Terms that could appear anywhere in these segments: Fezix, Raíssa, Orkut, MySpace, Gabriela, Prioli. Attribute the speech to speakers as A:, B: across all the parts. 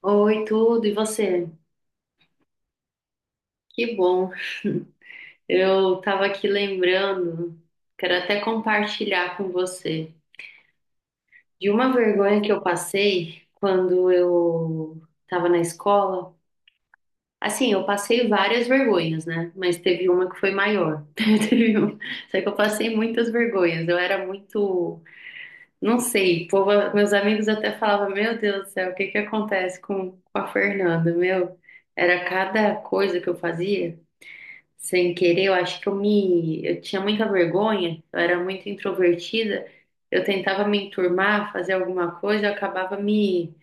A: Oi, tudo, e você? Que bom. Eu tava aqui lembrando, quero até compartilhar com você, de uma vergonha que eu passei quando eu tava na escola. Assim, eu passei várias vergonhas, né? Mas teve uma que foi maior. Teve uma- Só que eu passei muitas vergonhas. Eu era muito, não sei, meus amigos até falavam: meu Deus do céu, o que que acontece com a Fernanda? Meu, era cada coisa que eu fazia. Sem querer, eu acho que eu tinha muita vergonha, eu era muito introvertida, eu tentava me enturmar, fazer alguma coisa, eu acabava me,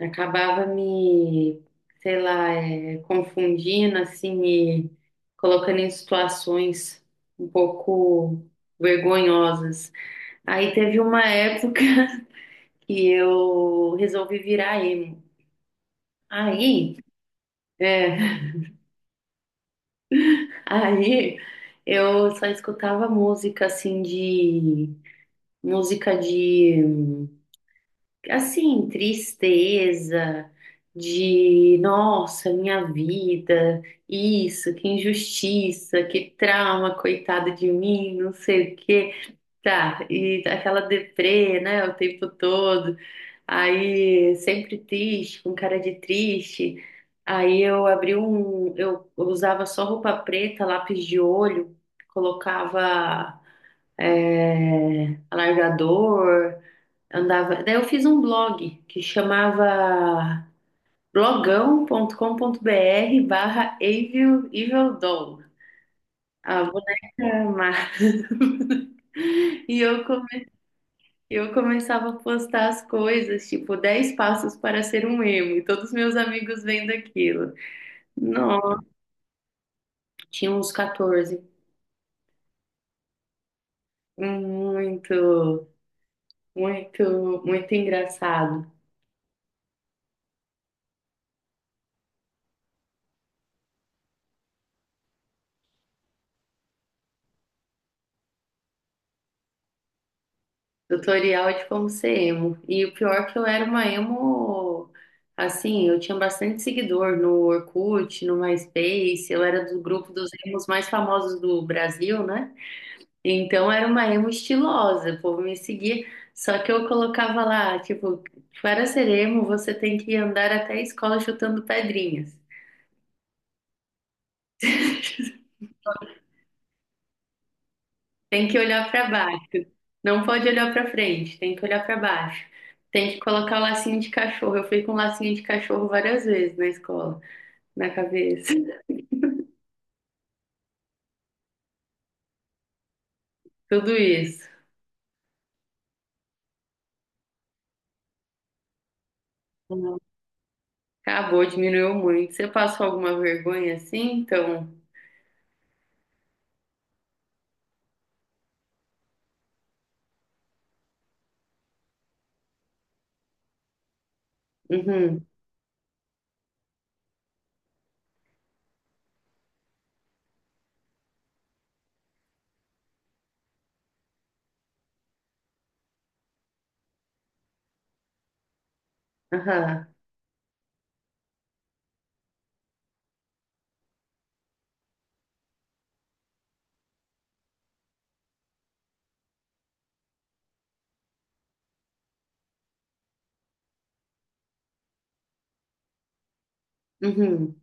A: acabava me, sei lá, confundindo, assim, me colocando em situações um pouco vergonhosas. Aí teve uma época que eu resolvi virar emo. Aí, é, aí eu só escutava música, assim, de música de, assim, tristeza, de, nossa, minha vida, isso, que injustiça, que trauma, coitado de mim, não sei o quê. Tá, e aquela deprê, né, o tempo todo. Aí, sempre triste, com cara de triste. Aí eu abri um, eu usava só roupa preta, lápis de olho, colocava alargador, andava. Daí eu fiz um blog que chamava blogão.com.br/EvilEvilDoll. A boneca má. E eu, eu começava a postar as coisas, tipo, 10 passos para ser um emo. E todos meus amigos vendo aquilo. Nossa, tinha uns 14. Muito, muito, muito engraçado. Tutorial de como ser emo. E o pior é que eu era uma emo, assim, eu tinha bastante seguidor no Orkut, no MySpace, eu era do grupo dos emos mais famosos do Brasil, né? Então era uma emo estilosa, o povo me seguia, só que eu colocava lá, tipo, para ser emo você tem que andar até a escola chutando pedrinhas. Tem que olhar para baixo. Não pode olhar para frente, tem que olhar para baixo. Tem que colocar o lacinho de cachorro. Eu fui com lacinho de cachorro várias vezes na escola, na cabeça. Tudo isso. Acabou, diminuiu muito. Você passou alguma vergonha assim? Então, uhum, aham, uhum,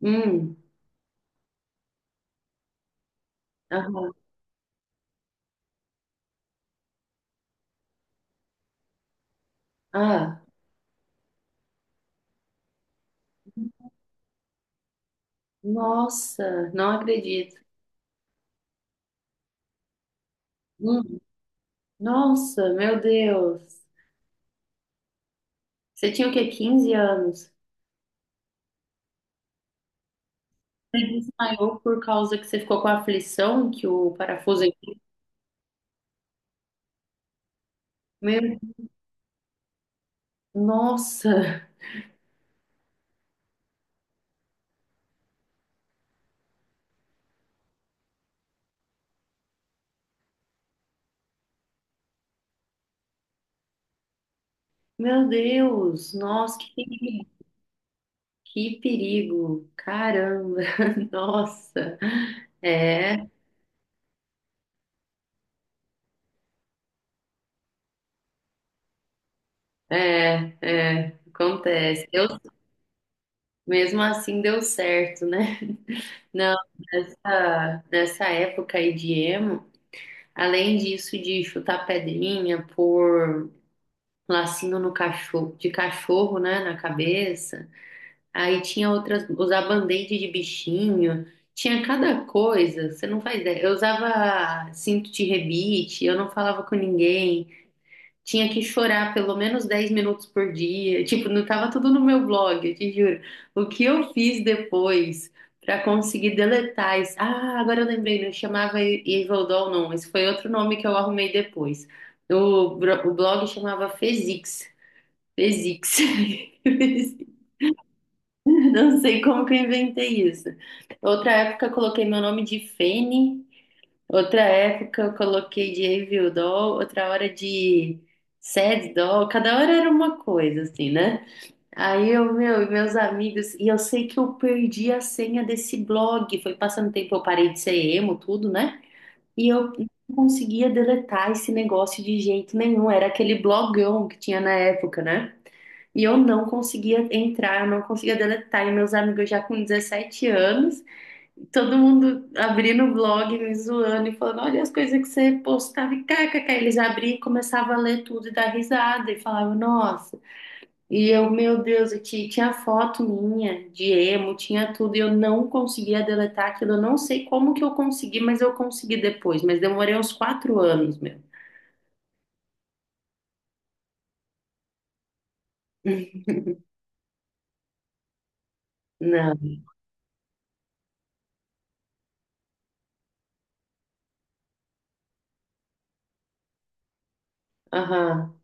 A: uhum, aham, ah, nossa, não acredito. Hum, nossa, meu Deus. Você tinha o quê? 15 anos? Você desmaiou por causa que você ficou com a aflição que o parafuso. Aqui. Meu, nossa, meu Deus, nossa, que perigo, caramba, nossa, é, é, é, acontece. Eu, mesmo assim deu certo, né? Não, nessa época aí de emo, além disso de chutar pedrinha, pôr lacinho no cachorro, de cachorro, né, na cabeça. Aí tinha outras, usar band-aid de bichinho, tinha cada coisa, você não faz ideia. Eu usava cinto de rebite, eu não falava com ninguém, tinha que chorar pelo menos 10 minutos por dia. Tipo, não tava tudo no meu blog, eu te juro. O que eu fiz depois pra conseguir deletar isso? Ah, agora eu lembrei, não chamava Evil Doll, não, esse foi outro nome que eu arrumei depois. O, o blog chamava Fezix. Fezix. Não sei como que eu inventei isso. Outra época eu coloquei meu nome de Fene, outra época eu coloquei de Review Doll, outra hora de Sad Doll, cada hora era uma coisa, assim, né? Aí eu, meu, e meus amigos, e eu sei que eu perdi a senha desse blog, foi passando tempo, eu parei de ser emo, tudo, né? E eu não conseguia deletar esse negócio de jeito nenhum, era aquele blogão que tinha na época, né? E eu não conseguia entrar, eu não conseguia deletar. E meus amigos já com 17 anos, todo mundo abrindo o blog, me zoando e falando: olha as coisas que você postava e kkk. Eles abriam e começavam a ler tudo e dar risada e falavam: nossa. E eu, meu Deus, eu tinha foto minha de emo, tinha tudo e eu não conseguia deletar aquilo. Eu não sei como que eu consegui, mas eu consegui depois. Mas demorei uns 4 anos, meu. Não. Aham.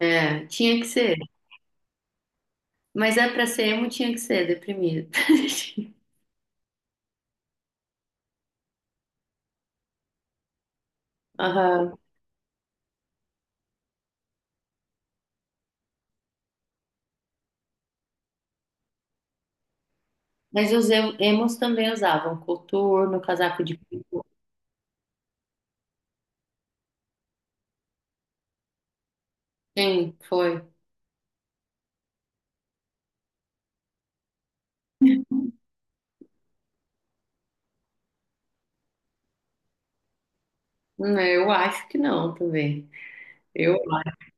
A: É, tinha que ser. Mas é pra ser emo tinha que ser deprimido. Aham. Mas os emos também usavam coturno, casaco de pico. Sim, foi. Eu acho que não também. Eu acho.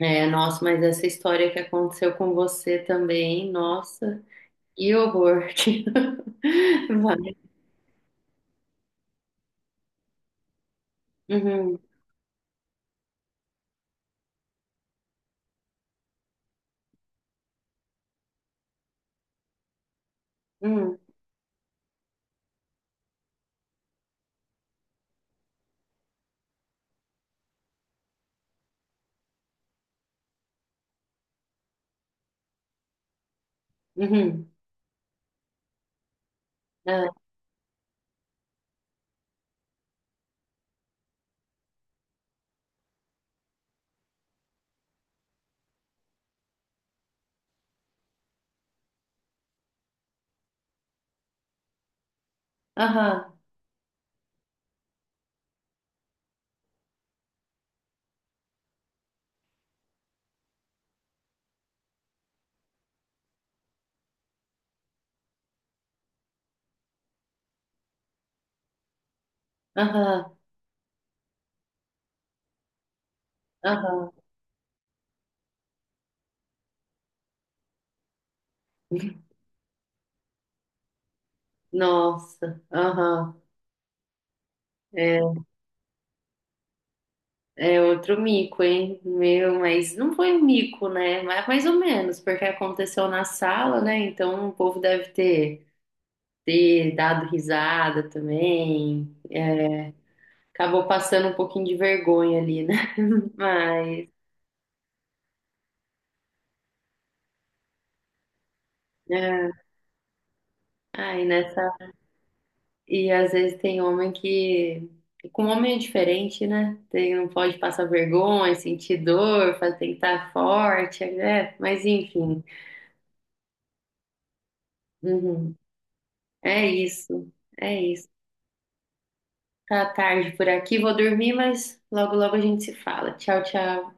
A: É, nossa, mas essa história que aconteceu com você também, nossa, que horror. Vai. Uhum, uhum, uhum. É. Aham, aham, aham. Nossa, aham. É. É outro mico, hein? Meu, mas não foi um mico, né? Mas mais ou menos, porque aconteceu na sala, né? Então o povo deve ter dado risada também. Acabou passando um pouquinho de vergonha ali, né? Mas, é, ai, nessa. E às vezes tem homem que. Com homem é diferente, né? Tem, não pode passar vergonha, sentir dor, faz- tem que estar forte, né? Mas enfim. Uhum. É isso. É isso. Tá tarde por aqui, vou dormir, mas logo logo a gente se fala. Tchau, tchau.